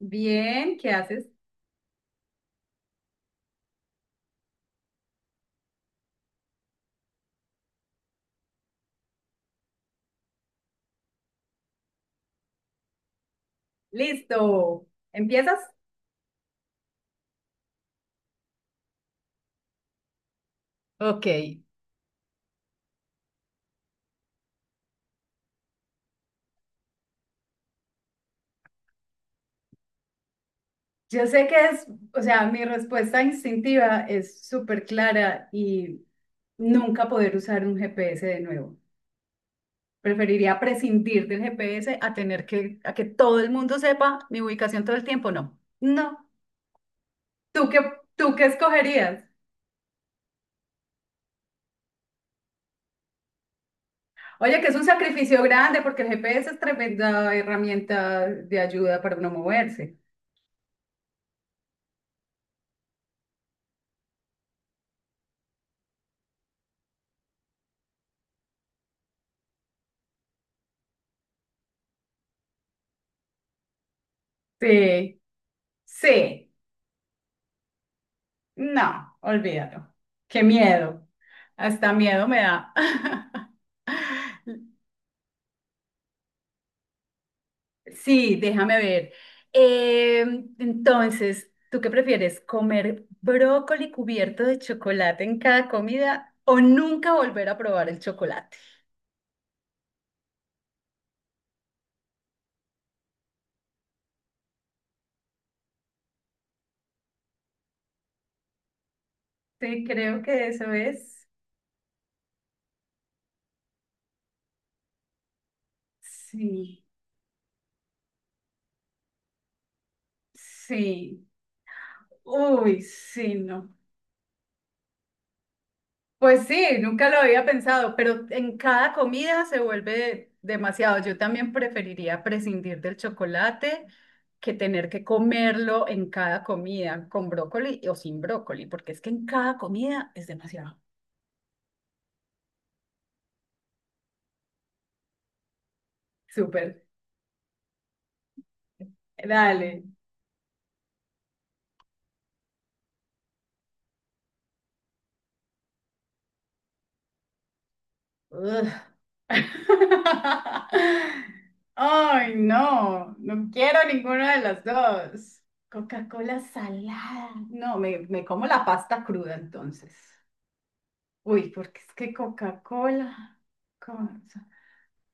Bien, ¿qué haces? Listo. ¿Empiezas? Ok. Yo sé que es, o sea, mi respuesta instintiva es súper clara y nunca poder usar un GPS de nuevo. Preferiría prescindir del GPS a tener que todo el mundo sepa mi ubicación todo el tiempo. No, no. ¿Tú qué, ¿tú qué escogerías? Oye, que es un sacrificio grande porque el GPS es tremenda herramienta de ayuda para uno moverse. Sí. Sí. No, olvídalo. Qué miedo. Hasta miedo me da. Sí, déjame ver. Eh, entonces, ¿tú qué prefieres? ¿Comer brócoli cubierto de chocolate en cada comida o nunca volver a probar el chocolate? Sí, creo que eso es. Sí, sí. Uy, sí, no. Pues sí, nunca lo había pensado, pero en cada comida se vuelve demasiado. Yo también preferiría prescindir del chocolate que tener que comerlo en cada comida, con brócoli o sin brócoli, porque es que en cada comida es demasiado. Súper, dale. Ugh. Ay, no, no quiero ninguna de las dos. Coca-Cola salada. No, me como la pasta cruda entonces. Uy, porque es que Coca-Cola, con-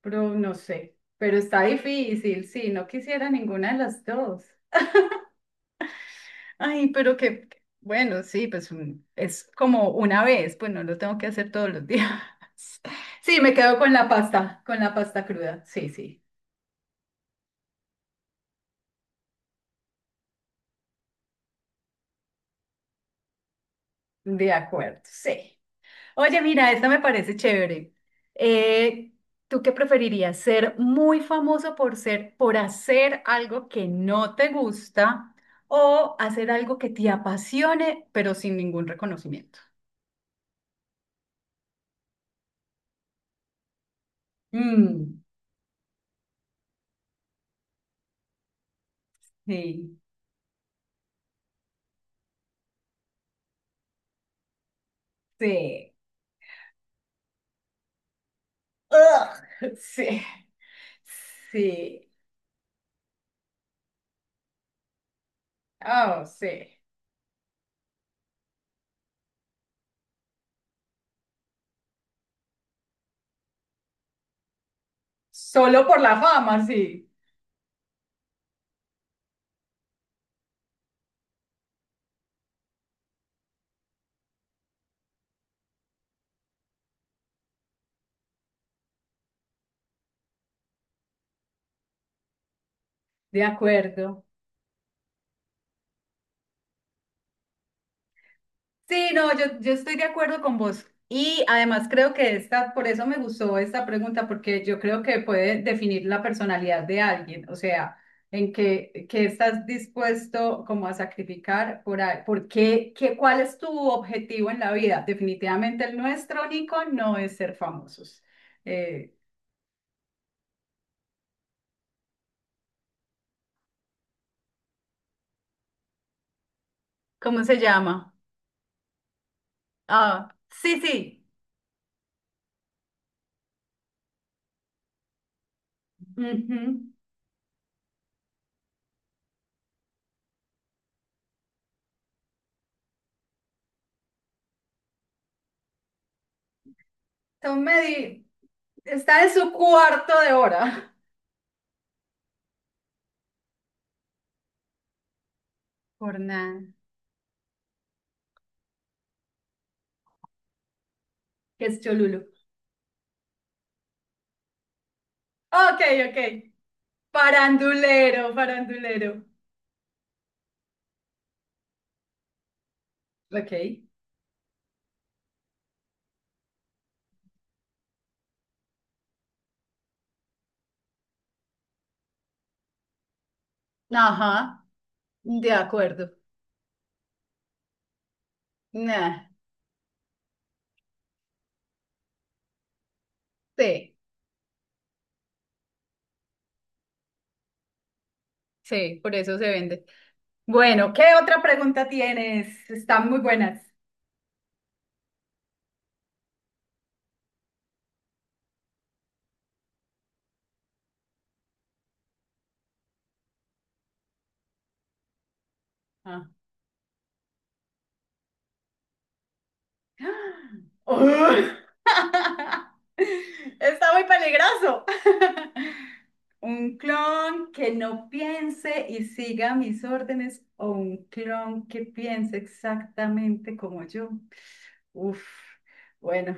pero no sé, pero está difícil, sí, no quisiera ninguna de las dos. Ay, pero que, bueno, sí, pues un- es como una vez, pues no lo tengo que hacer todos los días. Sí, me quedo con la pasta cruda, sí, sí, de acuerdo, sí. Oye, mira, esta me parece chévere. Eh, ¿Tú qué preferirías? ¿Ser muy famoso por hacer algo que no te gusta o hacer algo que te apasione, pero sin ningún reconocimiento? Mm, sí, sí. Ugh, sí, sí. Oh, sí. Solo por la fama, sí. De acuerdo. Sí, no, yo estoy de acuerdo con vos. Y además creo que esta, por eso me gustó esta pregunta, porque yo creo que puede definir la personalidad de alguien, o sea, qué estás dispuesto como a sacrificar por, a- por qué, qué, cuál es tu objetivo en la vida. Definitivamente el nuestro, Nico, no es ser famosos. Eh, ¿Cómo se llama? Ah, sí, sí. Ujú. Tom Medi está en su cuarto de hora. Por nada. Que es Cholulo. Ok, ok. Farandulero, farandulero. Ok. Ajá, de acuerdo. Nah, sí, sí, por eso se vende. Bueno, ¿qué otra pregunta tienes? Están muy buenas. Ah, ¡ugh! Está muy peligroso. Un clon que no piense y siga mis órdenes o un clon que piense exactamente como yo. Uf, bueno,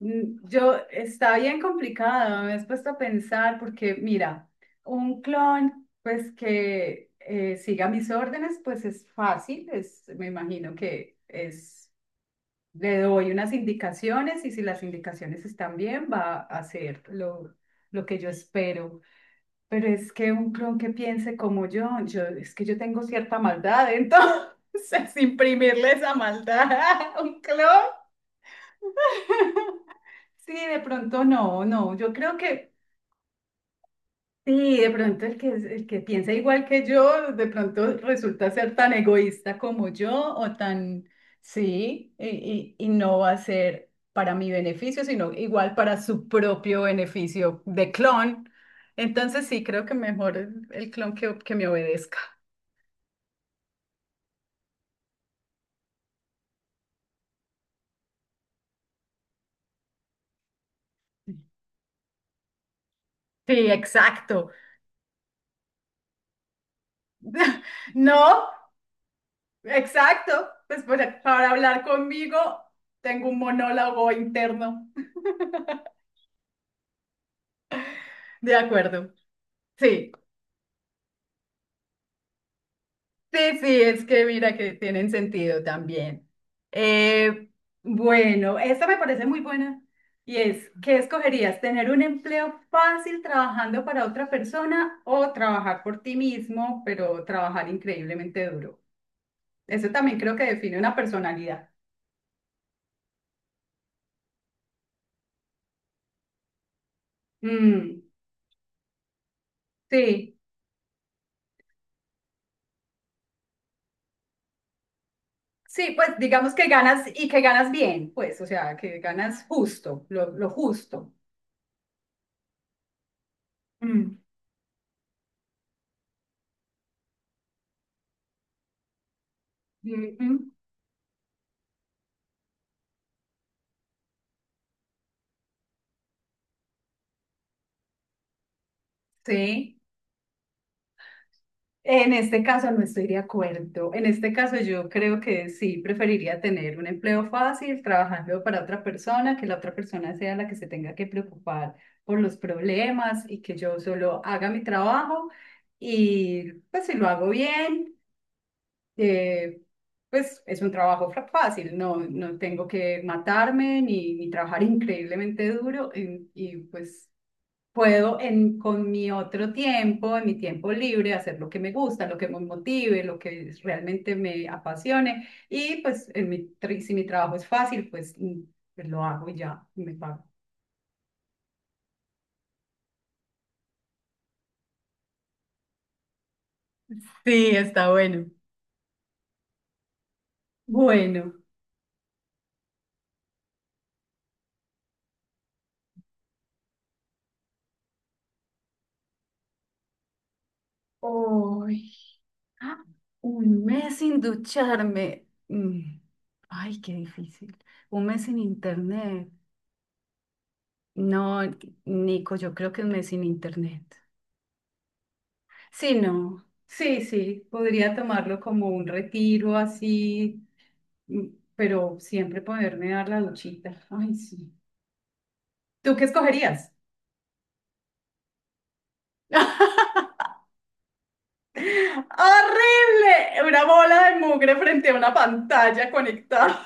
mm, yo está bien complicado, me has puesto a pensar porque mira, un clon pues que siga mis órdenes pues es fácil, es, me imagino que es, le doy unas indicaciones y si las indicaciones están bien va a hacer lo que yo espero, pero es que un clon que piense como yo es que yo tengo cierta maldad, entonces imprimirle esa maldad a un clon. Sí, de pronto no, no. Yo creo que sí, de pronto el que piensa igual que yo, de pronto resulta ser tan egoísta como yo o tan, sí, y no va a ser para mi beneficio, sino igual para su propio beneficio de clon. Entonces sí, creo que mejor el clon que me obedezca. Sí, exacto. No, exacto. Pues para hablar conmigo tengo un monólogo interno. De acuerdo. Sí, sí, sí, es que mira que tienen sentido también. Eh, bueno, esta me parece muy buena y es, ¿qué escogerías? ¿Tener un empleo fácil trabajando para otra persona o trabajar por ti mismo, pero trabajar increíblemente duro? Eso también creo que define una personalidad. Mm, sí, sí, pues digamos que ganas y que ganas bien, pues, o sea, que ganas justo, lo justo. Mm, mm, mm, sí. En este caso no estoy de acuerdo. En este caso yo creo que sí preferiría tener un empleo fácil trabajando para otra persona, que la otra persona sea la que se tenga que preocupar por los problemas y que yo solo haga mi trabajo y pues si lo hago bien eh, pues es un trabajo fra- fácil, no, no tengo que matarme ni trabajar increíblemente duro en- y pues puedo en, con mi otro tiempo, en mi tiempo libre, hacer lo que me gusta, lo que me motive, lo que realmente me apasione y pues en mi, tri- si mi trabajo es fácil, pues, mm, pues lo hago y ya me pago. Sí, está bueno. Bueno. Uy, ah, un mes sin ducharme. Mm, ay, qué difícil. Un mes sin internet. No, Nico, yo creo que un mes sin internet. Sí, no. Sí, sí, podría tomarlo como un retiro así, mm, pero siempre poderme dar la duchita. Ay, sí. ¿Tú qué escogerías? ¡Horrible! Una bola de mugre frente a una pantalla conectada.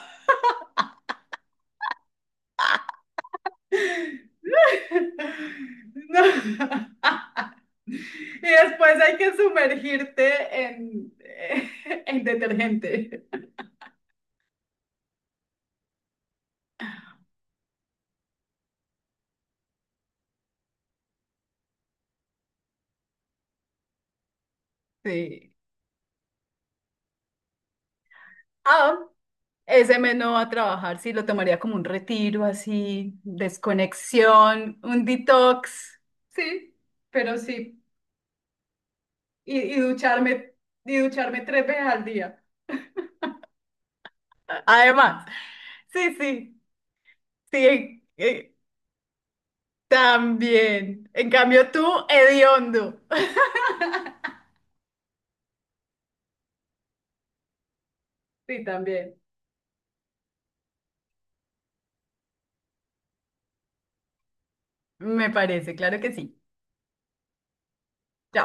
No. Y después hay que sumergirte en detergente. Sí. Ah, ese me no va a trabajar, sí, lo tomaría como un retiro así, desconexión, un detox. Sí, pero sí. Y, y ducharme, y ducharme 3 veces al día. Además, sí, sí, sí, también. En cambio, tú, hediondo. Sí, también. Me parece, claro que sí. Chao.